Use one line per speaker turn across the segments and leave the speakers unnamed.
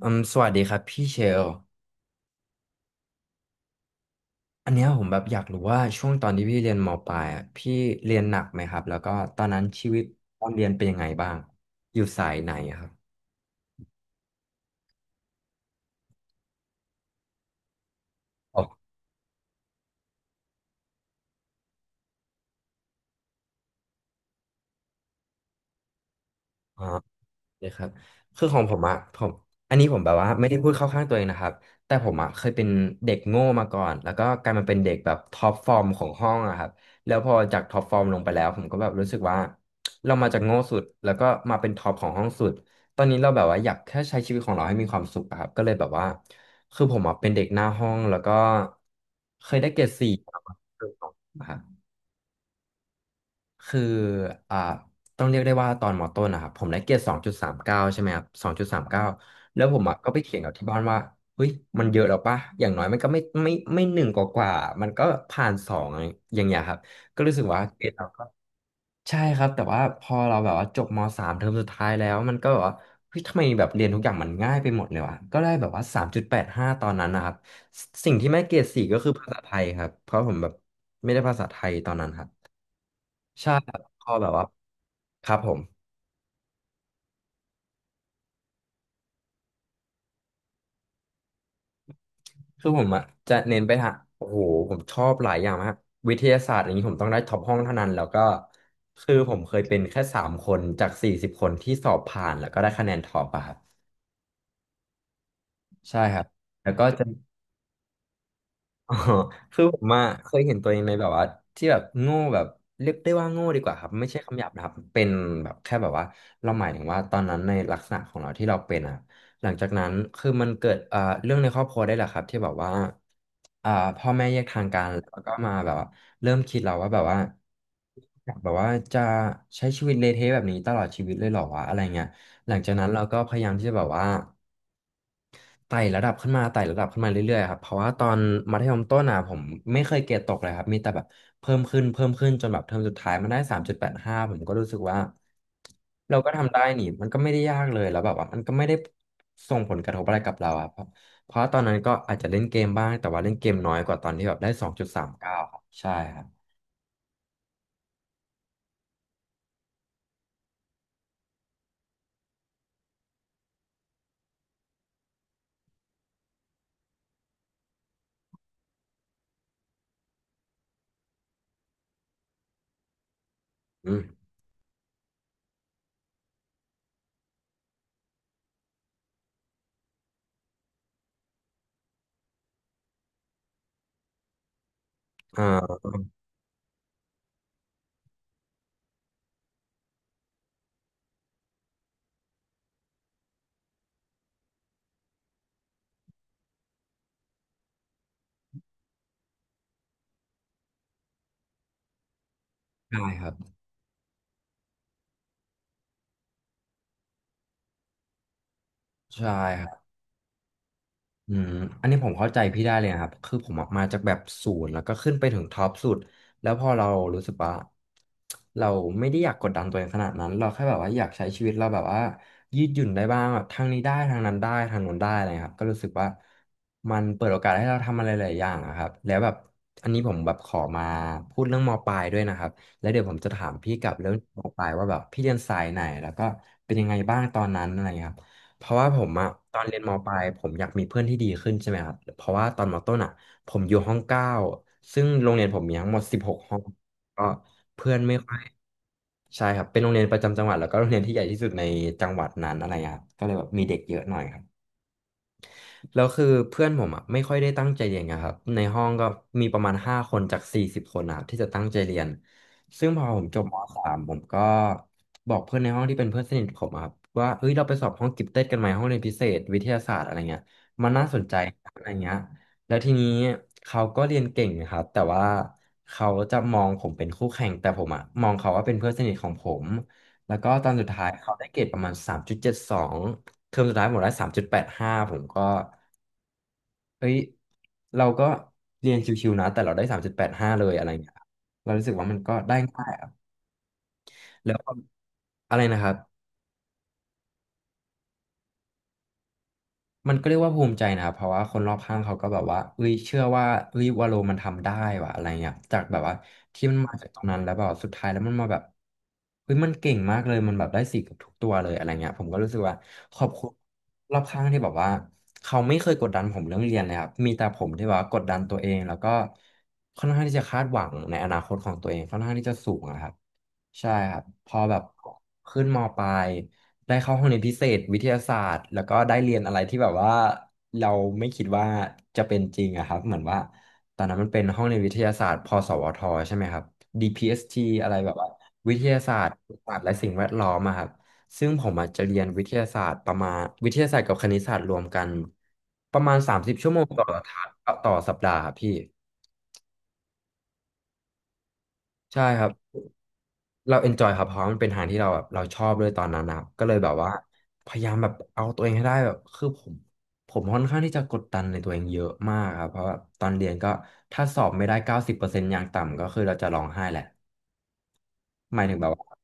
สวัสดีครับพี่เชล อันเนี้ยผมแบบอยากรู้ว่าช่วงตอนที่พี่เรียนมปลายอ่ะพี่เรียนหนักไหมครับแล้วก็ตอนนั้นชีวิตตอนเรียนเป็นยังไงบ้างอยู่สายไหนครับอ๋อ เลยครับคือของผมอะผมอันนี้ผมแบบว่าไม่ได้พูดเข้าข้างตัวเองนะครับแต่ผมอะเคยเป็นเด็กโง่มาก่อนแล้วก็กลายมาเป็นเด็กแบบท็อปฟอร์มของห้องอะครับแล้วพอจากท็อปฟอร์มลงไปแล้วผมก็แบบรู้สึกว่าเรามาจากโง่สุดแล้วก็มาเป็นท็อปของห้องสุดตอนนี้เราแบบว่าอยากแค่ใช้ชีวิตของเราให้มีความสุขอะครับก็เลยแบบว่าคือผมอะเป็นเด็กหน้าห้องแล้วก็เคยได้เกรดสี่ครับ คืออ่าต้องเรียกได้ว่าตอนมต้นนะครับผมได้เกรดสองจุดสามเก้าใช่ไหมครับสองจุดสามเก้าแล้วผมอะก็ไปเถียงกับที่บ้านว่าเฮ้ยมันเยอะแล้วปะอย่างน้อยมันก็ไม่หนึ่งกว่ามันก็ผ่านสองอย่างเงี้ยครับก็รู้สึกว่าเกรดเราก็ใช่ครับแต่ว่าพอเราแบบว่าจบมสามเทอมสุดท้ายแล้วมันก็แบบว่าเฮ้ยทำไมแบบเรียนทุกอย่างมันง่ายไปหมดเลยวะก็ได้แบบว่าสามจุดแปดห้าตอนนั้นนะครับสิ่งที่ไม่เกรดสี่ก็คือภาษาไทยครับเพราะผมแบบไม่ได้ภาษาไทยตอนนั้นครับ ใช่ครับก็แบบว่าครับผมคือผมอ่ะจะเน้นไปทางโอ้โหผมชอบหลายอย่างมากวิทยาศาสตร์อย่างนี้ผมต้องได้ท็อปห้องเท่านั้นแล้วก็คือผมเคยเป็นแค่สามคนจาก40 คนที่สอบผ่านแล้วก็ได้คะแนนท็อปอะครับใช่ครับแล้วก็จะ อ๋อคือผมอะเคยเห็นตัวเองในแบบว่าที่แบบโง่แบบเรียกได้ว่าโง่ดีกว่าครับไม่ใช่คำหยาบนะครับเป็นแบบแค่แบบว่าเราหมายถึงว่าตอนนั้นในลักษณะของเราที่เราเป็นอะหลังจากนั้นคือมันเกิดเรื่องในครอบครัวได้แหละครับที่แบบว่าอ่าพ่อแม่แยกทางกันแล้วก็มาแบบว่าเริ่มคิดเราว่าแบบว่าอยากแบบว่าจะใช้ชีวิตเละเทะแบบนี้ตลอดชีวิตเลยเหรอวะอะไรเงี้ยหลังจากนั้นเราก็พยายามที่จะแบบว่า ไต่ระดับขึ้นมาไต่ระดับขึ้นมาเรื่อยๆครับเพราะว่าตอนมัธยมต้นอ่ะผมไม่เคยเกรดตกเลยครับมีแต่แบบเพิ่มขึ้นเพิ่มขึ้นจนแบบเทอมสุดท้ายมันได้สามจุดแปดห้าผมก็รู้สึกว่าเราก็ทำได้นี่มันก็ไม่ได้ยากเลยแล้วแบบว่ามันก็ไม่ได้ส่งผลกระทบอะไรกับเราอะเพราะว่าตอนนั้นก็อาจจะเล่นเกมบ้างแต่ว่าเล่นเกมน้อยกว่าตอนที่แบบได้สองจุดสามเก้าครับใช่ครับอืมอ่าใช่ครับใช่ครับ อืมอันนี้ผมเข้าใจพี่ได้เลยนะครับ คือผมอะมาจากแบบศูนย์แล้วก็ขึ้นไปถึงท็อปสุดแล้วพอเรารู้สึกว่าเราไม่ได้อยากกดดันตัวเองขนาดนั้น เราแค่แบบว่าอยากใช้ชีวิตเราแบบว่ายืดหยุ่นได้บ้างแบบทางนี้ได้ทางนั้นได้ทางโน้นได้อะไรครับก็รู้สึกว่ามันเปิดโอกาสให้เราทำอะไรหลายอย่างอะครับแล้วแบบอันนี้ผมแบบขอมาพูดเรื่องมปลายด้วยนะครับแล้วเดี๋ยวผมจะถามพี่กลับเรื่องมปลายว่าแบบพี่เรียนสายไหนแล้วก็เป็นยังไงบ้างตอนนั้นอะไรครับ เพราะว่าผมอะตอนเรียนมปลายผมอยากมีเพื่อนที่ดีขึ้นใช่ไหมครับเพราะว่าตอนมต้นอะผมอยู่ห้องเก้าซึ่งโรงเรียนผมมีทั้งหมด16 ห้องก็เพื่อนไม่ค่อยใช่ครับเป็นโรงเรียนประจำจังหวัดแล้วก็โรงเรียนที่ใหญ่ที่สุดในจังหวัดนั้นอะไรครับก็เลยแบบมีเด็กเยอะหน่อยครับ แล้วคือเพื่อนผมอ่ะไม่ค่อยได้ตั้งใจเรียนไงครับในห้องก็มีประมาณห้าคนจากสี่สิบคนนะครับที่จะตั้งใจเรียนซึ่งพอผมจบมสามผมก็บอกเพื่อนในห้องที่เป็นเพื่อนสนิทผมอะครับว่าเฮ้ยเราไปสอบห้องกิฟเต็ดกันไหมห้องเรียนพิเศษวิทยาศาสตร์อะไรเงี้ยมันน่าสนใจอะไรเงี้ยแล้วทีนี้เขาก็เรียนเก่งนะครับแต่ว่าเขาจะมองผมเป็นคู่แข่งแต่ผมอะมองเขาว่าเป็นเพื่อนสนิทของผมแล้วก็ตอนสุดท้ายเขาได้เกรดประมาณสามจุดเจ็ดสองเทอมสุดท้ายผมได้สามจุดแปดห้าผมก็ เอ้ย เราก็เรียนชิวๆนะ แต่เราได้สามจุดแปดห้าเลยอะไรเงี้ยเรารู้สึกว่ามันก็ได้ง่ายอะแล้วก็อะไรนะครับ มันก็เรียกว่าภูมิใจนะครับเพราะว่าคนรอบข้างเขาก็แบบว่าเอ้ยเชื่อว่าเอ้ยวาโลมันทำได้ว่ะอะไรเงี้ยจากแบบว่าที่มันมาจากตรงนั้นแล้วแบบสุดท้ายแล้วมันมาแบบเฮ้ยมันเก่งมากเลยมันแบบได้สี่เกับทุกตัวเลยอะไรเงี้ยผมก็รู้สึกว่าขอบคุณรอบข้างที่แบบว่าเขาไม่เคยกดดันผมเรื่องเรียนเลยครับมีแต่ผมที่แบบว่ากดดันตัวเองแล้วก็ค่อนข้างที่จะคาดหวังในอนาคตของตัวเองค่อนข้างที่จะสูงอะครับใช่ครับพอแบบขึ้นมปลาย ได้เข้าห้องเรียนพิเศษวิทยาศาสตร์แล้วก็ได้เรียนอะไรที่แบบว่าเราไม่คิดว่าจะเป็นจริงอะครับเหมือนว่าตอนนั้นมันเป็นห้องเรียนวิทยาศาสตร์พสวทใช่ไหมครับ DPST อสทีอะไรแบบว่าวิทยาศาสตร์ศาสตร์และสิ่งแวดล้อมอะครับซึ่งผมอาจจะเรียนวิทยาศาสตร์ประมาณวิทยาศาสตร์กับคณิตศาสตร์รวมกันประมาณ30ชั่วโมงต่ออาทิตย์ต่อสัปดาห์ครับพี่ใช่ครับ เราเอนจอยครับเพราะมันเป็นทางที่เราแบบเราชอบด้วยตอนนั้นนะครับก็เลยแบบว่าพยายามแบบเอาตัวเองให้ได้แบบคือผมค่อนข้างที่จะกดดันในตัวเองเยอะมากครับเพราะว่าตอนเรียนก็ถ้าสอบไม่ได้เก้าสิบเปอร์เซ็นต์อย่างต่ำก็คือเราจะร้องไห้แหละหมายถึงแบบว่า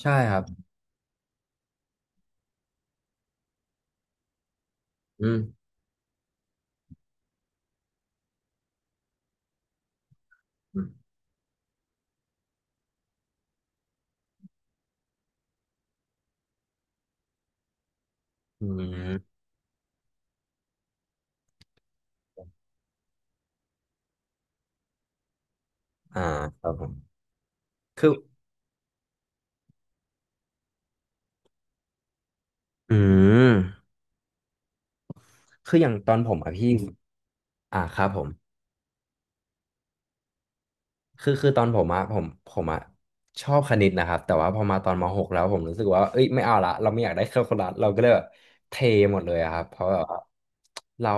ใช่ครับอืมอืมอืมอ่าครับผมคืออืมคืออย่างตอนผมอะพี่อ่าครับผม คือตอนผมอะผมอะชอบคณิตนะครับแต่ว่าพอมาตอนมหกแล้วผมรู้สึกว่าเอ้ยไม่เอาละเราไม่อยากได้แคลคูลัสเราก็เลยแบบเทหมดเลยอะครับเพราะแบบว่าเรา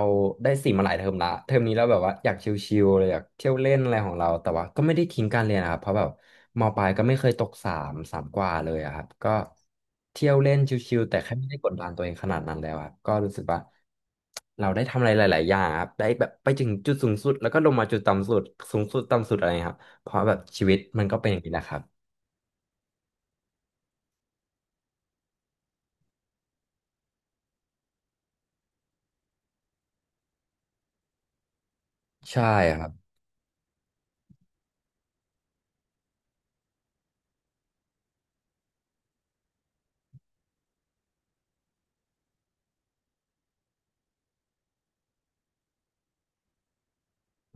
ได้สิ่งมาหลายเทอมละเทอมนี้เราแบบว่าอยากชิลๆเลยอยากเที่ยวเล่นอะไรของเราแต่ว่าก็ไม่ได้ทิ้งการเรียนนะครับเพราะแบบมปลายก็ไม่เคยตกสามสามกว่าเลยอะครับก็เที่ยวเล่นชิลๆแต่แค่ไม่ได้กดดันตัวเองขนาดนั้นแล้วอะก็รู้สึกว่าเราได้ทำอะไรหลายๆอย่างครับได้แบบไปถึงจุดสูงสุดแล้วก็ลงมาจุดต่ำสุดสูงสุดต่ำสุดอะไรครับ เพราะแบบชีวิตมันก็เป็นอย่างนี้แหละครับใช่ครับ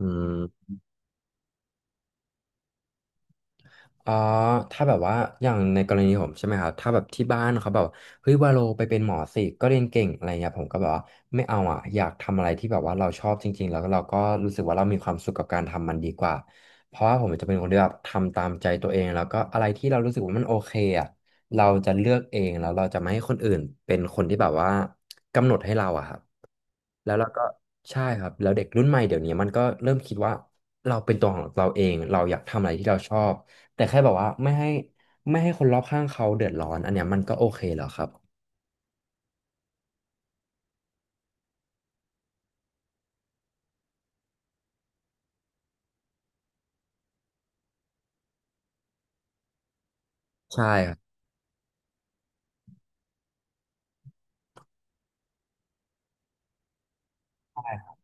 อืม อ๋อถ้าแบบว่าอย่างในกรณีผมใช่ไหมครับถ้าแบบที่บ้านเขาแบบเฮ้ยวาโลไปเป็นหมอสิก็เรียนเก่งอะไรเงี้ยผมก็แบบว่าไม่เอาอ่ะอยากทำอะไรที่แบบว่าเราชอบจริงๆแล้วก็เราก็รู้สึกว่าเรามีความสุขกับการทำมันดีกว่า เพราะว่าผมจะเป็นคนที่แบบทำตามใจตัวเองแล้วก็อะไรที่เรารู้สึกว่ามันโอเคอ่ะเราจะเลือกเองแล้วเราจะไม่ให้คนอื่นเป็นคนที่แบบว่ากำหนดให้เราอะครับแล้วเราก็ใช่ครับแล้วเด็กรุ่นใหม่เดี๋ยวนี้มันก็เริ่มคิดว่าเราเป็นตัวของเราเอง เราอยากทำอะไรที่เราชอบ แต่แค่แบบว่าไม่ให้คนรอบข้างเขาเดือดร้อนอันเนี้ยมันก็โอเคแล้วครับใช่ครับใช่ครับ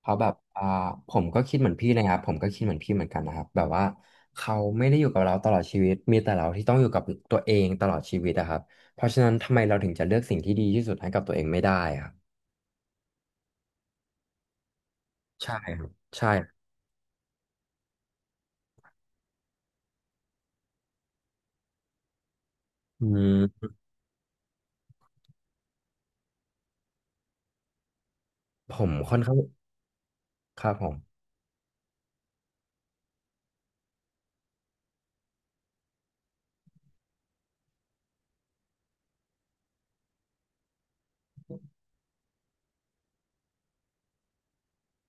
เขาแบบอ่าผมก็คิดเหมือนพี่เลยครับผมก็คิดเหมือนพี่เหมือนกันนะครับแบบว่าเขาไม่ได้อยู่กับเราตลอดชีวิตมีแต่เราที่ต้องอยู่กับตัวเองตลอดชีวิตอะครับเพราะฉะนั้นทำไมเราถึงจะเลือกสิ่งที่ดีที่สุดให้กับตัวเองไม่ได้อะครับใช่ครับใช่อืมผมค่อนข้างครับผม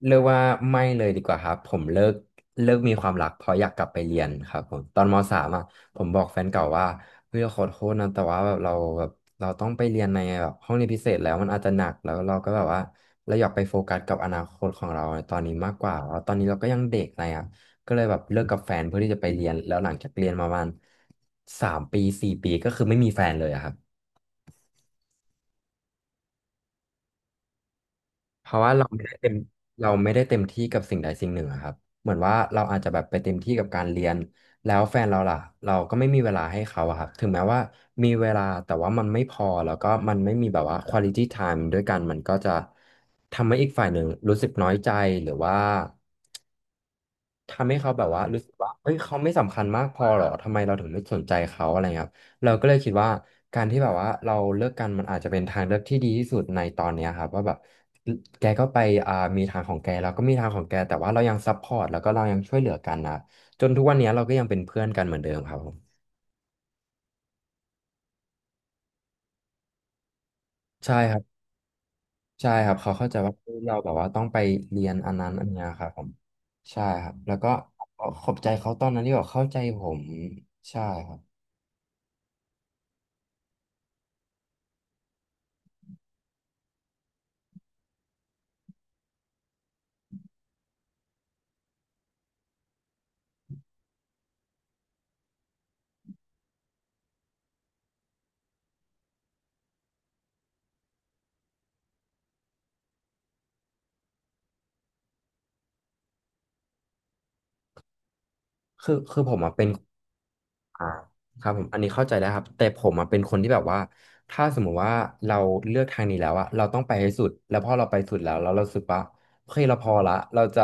เรียกว่าไม่เลยดีกว่าครับผมเลิกมีความรักเพราะอยากกลับไปเรียนครับผมตอนมสามอ่ะผมบอกแฟนเก่าว่าเฮ้ยขอโทษนะแต่ว่าแบบเราต้องไปเรียนในแบบห้องเรียนพิเศษแล้วมันอาจจะหนักแล้วเราก็แบบว่าเราอยากไปโฟกัสกับอนาคตของเราในตอนนี้มากกว่าแล้วตอนนี้เราก็ยังเด็กอะไรอ่ะก็เลยแบบเลิกกับแฟนเพื่อที่จะไปเรียนแล้วหลังจากเรียนมาประมาณสามปีสี่ปีก็คือไม่มีแฟนเลยอะครับ เพราะว่าเราไม่ได้เต็มที่กับสิ่งใดสิ่งหนึ่งอะครับเหมือนว่าเราอาจจะแบบไปเต็มที่กับการเรียนแล้วแฟนเราล่ะเราก็ไม่มีเวลาให้เขาอะครับถึงแม้ว่ามีเวลาแต่ว่ามันไม่พอแล้วก็มันไม่มีแบบว่า quality time ด้วยกันมันก็จะทำให้อีกฝ่ายหนึ่งรู้สึกน้อยใจหรือว่า ทำให้เขาแบบว่ารู้สึกว่าเฮ้ยเขาไม่สำคัญมากพอหรอทำไมเราถึงไม่สนใจเขาอะไรเงี้ยครับเราก็เลยคิดว่าการที่แบบว่าเราเลิกกันมันอาจจะเป็นทางเลือกที่ดีที่สุดในตอนเนี้ยครับว่าแบบแกก็ไปมีทางของแกเราก็มีทางของแกแต่ว่าเรายังซัพพอร์ตแล้วก็เรายังช่วยเหลือกันนะจนทุกวันเนี้ยเราก็ยังเป็นเพื่อนกันเหมือนเดิมครับผมใช่ครับ ใช่ครับเขาเข้าใจว่าเราแบบว่าต้องไปเรียนอันนั้นอันเนี้ยครับผมใช่ครับแล้วก็ขอบใจเขาตอนนั้นที่แบบเข้าใจผมใช่ครับคือผมอ่ะเป็น อ่าครับผมอันนี้เข้าใจแล้วครับแต่ผมอ่ะเป็นคนที่แบบว่าถ้าสมมุติว่าเราเลือกทางนี้แล้วอะเราต้องไปให้สุดแล้วพอเราไปสุดแล้วแล้วเรารู้สึกว่าเฮ้ยเราพอละเราจะ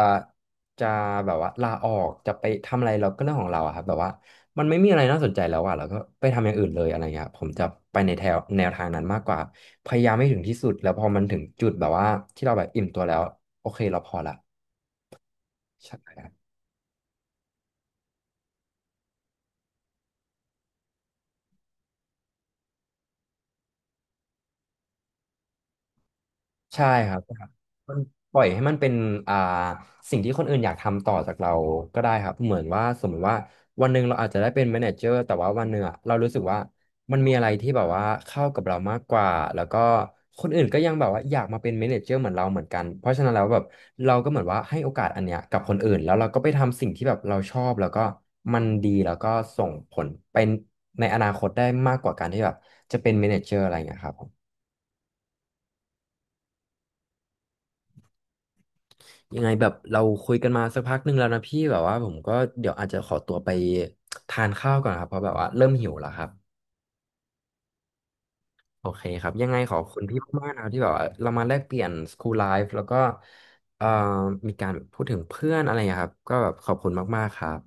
จะแบบว่าลาออกจะไปทำอะไรเราก็เรื่องของเราอะครับแบบว่ามันไม่มีอะไรน่าสนใจแล้วอะเราก็ไปทำอย่างอื่นเลยอะไรเงี้ยผมจะไปในแถวแนวทางนั้นมากกว่าพยายามให้ถึงที่สุดแล้วพอมันถึงจุดแบบว่าที่เราแบบอิ่มตัวแล้วโอเคเราพอละใช่ ใช่ครับ่ครับมันปล่อยให้มันเป็นอ่าสิ่งที่คนอื่นอยากทำต่อจากเราก็ได้ครับเหมือนว่าสมมติว่าวันหนึ่งเราอาจจะได้เป็นแมเนเจอร์แต่ว่าวันหนึ่งอะเรารู้สึกว่ามันมีอะไรที่แบบว่าเข้ากับเรามากกว่าแล้วก็คนอื่นก็ยังแบบว่าอยากมาเป็นแมเนเจอร์เหมือนเราเหมือนกันเพราะฉะนั้นแล้วแบบเราก็เหมือนว่าให้โอกาสอันเนี้ยกับคนอื่นแล้วเราก็ไปทำสิ่งที่แบบเราชอบแล้วก็มันดีแล้วก็ส่งผลเป็นในอนาคตได้มากกว่าการที่แบบจะเป็นแมเนเจอร์อะไรอย่างเงี้ยครับ ยังไงแบบเราคุยกันมาสักพักหนึ่งแล้วนะพี่แบบว่าผมก็เดี๋ยวอาจจะขอตัวไปทานข้าวก่อนครับเพราะแบบว่าเริ่มหิวแล้วครับโอเคครับยังไงขอบคุณพี่มากๆนะครับที่แบบว่าเรามาแลกเปลี่ยน School Life แล้วก็เอ่อมีการพูดถึงเพื่อนอะไรอย่างเงี้ยครับก็แบบขอบคุณมากๆครับ